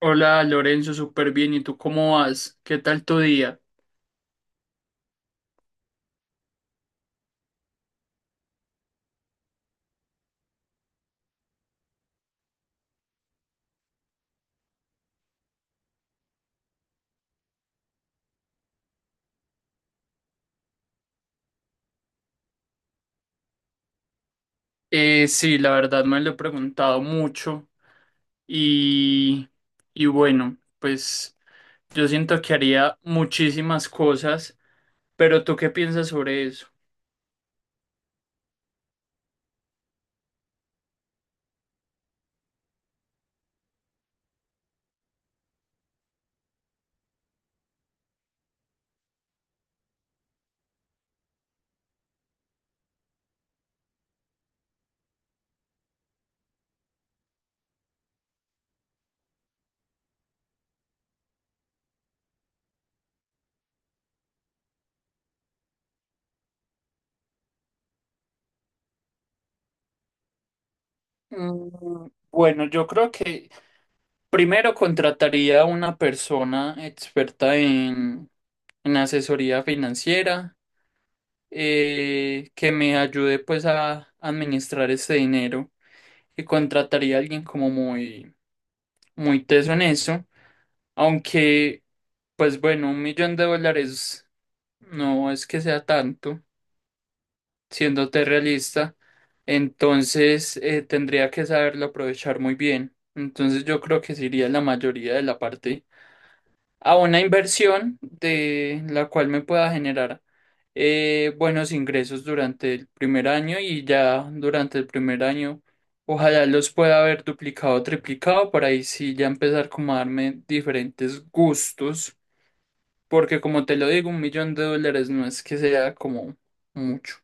Hola Lorenzo, súper bien. ¿Y tú cómo vas? ¿Qué tal tu día? Sí, la verdad me lo he preguntado mucho y, y bueno, pues yo siento que haría muchísimas cosas, pero ¿tú qué piensas sobre eso? Mm, bueno, yo creo que primero contrataría a una persona experta en asesoría financiera, que me ayude pues a administrar ese dinero y contrataría a alguien como muy teso en eso, aunque, pues bueno, $1 millón no es que sea tanto, siéndote realista. Entonces tendría que saberlo aprovechar muy bien. Entonces yo creo que sería la mayoría de la parte a una inversión de la cual me pueda generar, buenos ingresos durante el primer año, y ya durante el primer año ojalá los pueda haber duplicado o triplicado para ahí sí ya empezar como a darme diferentes gustos, porque como te lo digo, $1 millón no es que sea como mucho.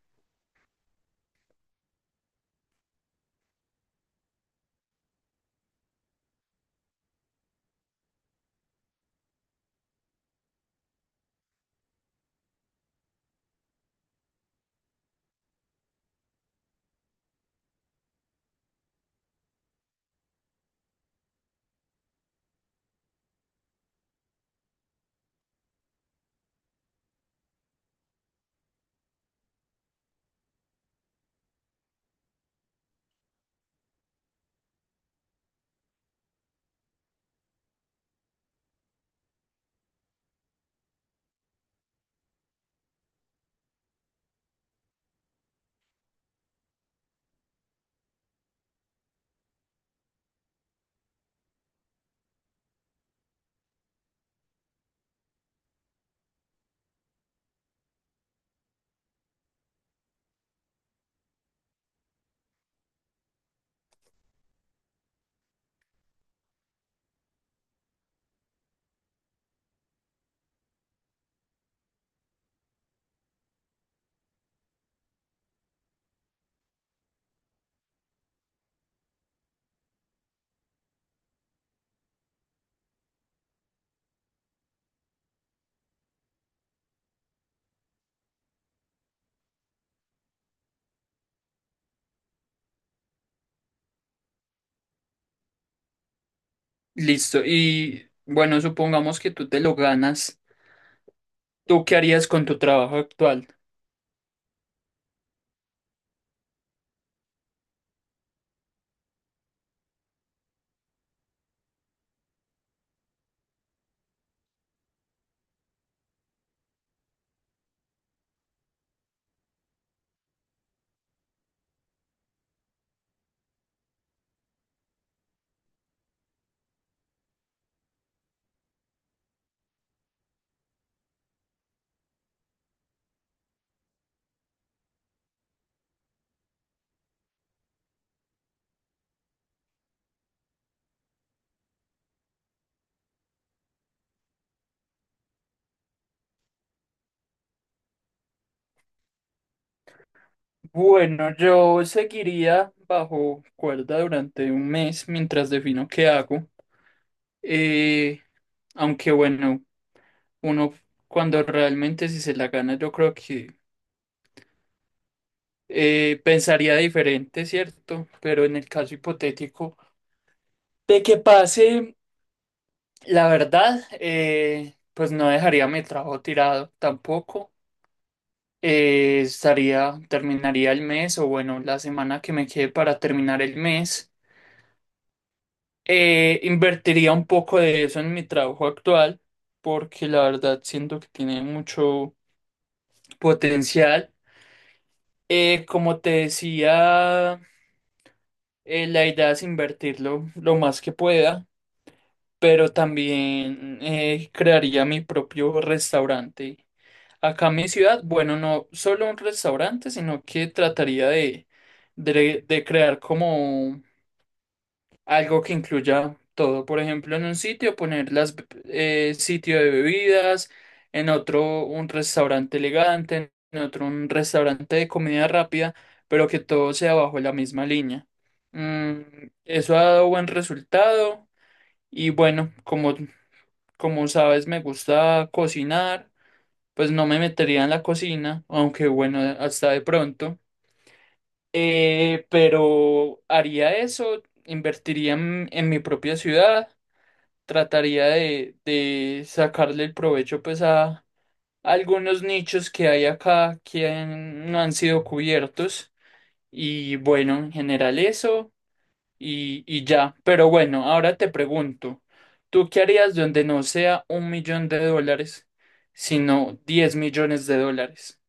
Listo, y bueno, supongamos que tú te lo ganas, ¿tú qué harías con tu trabajo actual? Bueno, yo seguiría bajo cuerda durante un mes mientras defino qué hago. Eh, aunque bueno, uno cuando realmente si se la gana, yo creo que pensaría diferente, ¿cierto? Pero en el caso hipotético de que pase, la verdad, pues no dejaría mi trabajo tirado tampoco. Estaría, terminaría el mes o bueno, la semana que me quede para terminar el mes. Invertiría un poco de eso en mi trabajo actual, porque la verdad siento que tiene mucho potencial. Como te decía, la idea es invertirlo lo más que pueda, pero también crearía mi propio restaurante acá en mi ciudad. Bueno, no solo un restaurante, sino que trataría de crear como algo que incluya todo. Por ejemplo, en un sitio poner las sitio de bebidas, en otro un restaurante elegante, en otro un restaurante de comida rápida, pero que todo sea bajo la misma línea. Mm, eso ha dado buen resultado. Y bueno, como sabes, me gusta cocinar, pues no me metería en la cocina, aunque bueno, hasta de pronto. Pero haría eso, invertiría en mi propia ciudad, trataría de sacarle el provecho pues a algunos nichos que hay acá que no han sido cubiertos. Y bueno, en general eso y ya. Pero bueno, ahora te pregunto, ¿tú qué harías donde no sea $1 millón, sino $10 millones?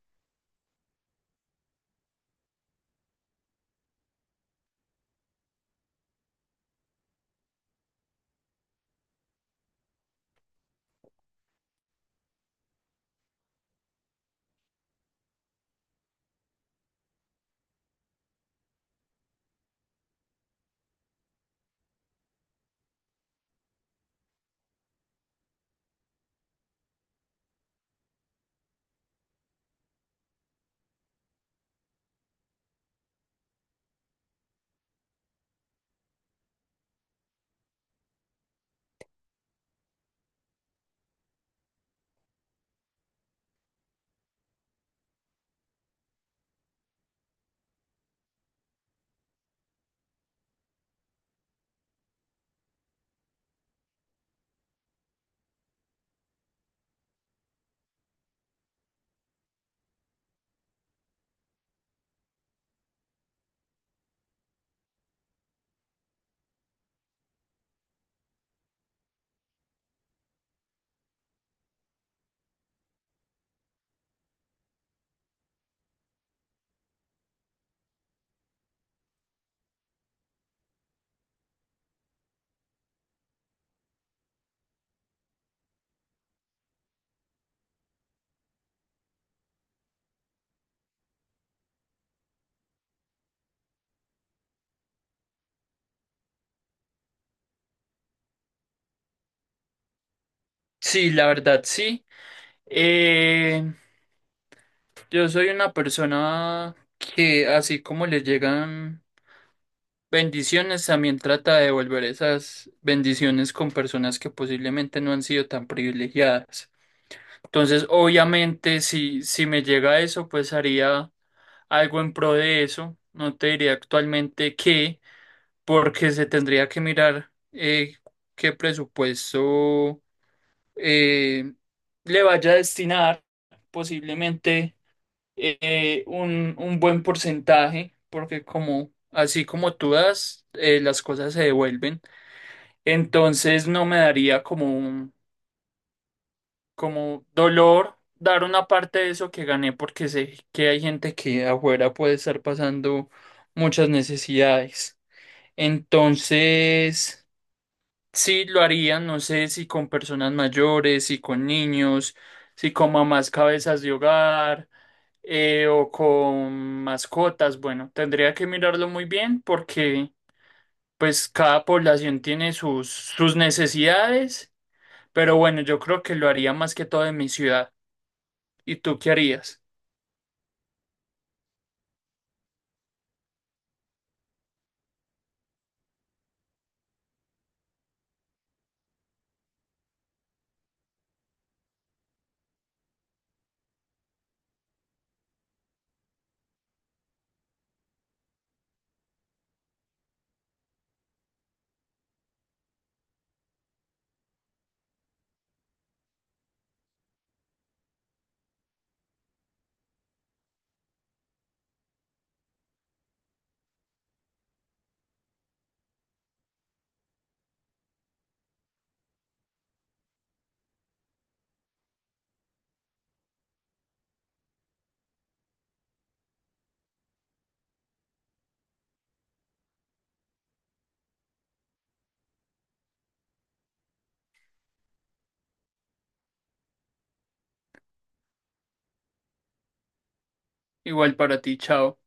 Sí, la verdad, sí. Eh, yo soy una persona que así como le llegan bendiciones, también trata de devolver esas bendiciones con personas que posiblemente no han sido tan privilegiadas. Entonces, obviamente, si me llega eso, pues haría algo en pro de eso. No te diría actualmente qué, porque se tendría que mirar, qué presupuesto eh, le vaya a destinar, posiblemente un buen porcentaje, porque como así como tú das, las cosas se devuelven. Entonces no me daría como un como dolor dar una parte de eso que gané, porque sé que hay gente que afuera puede estar pasando muchas necesidades. Entonces, sí lo haría, no sé si con personas mayores, si con niños, si con mamás cabezas de hogar, o con mascotas. Bueno, tendría que mirarlo muy bien porque pues cada población tiene sus necesidades. Pero bueno, yo creo que lo haría más que todo en mi ciudad. ¿Y tú qué harías? Igual para ti, chao.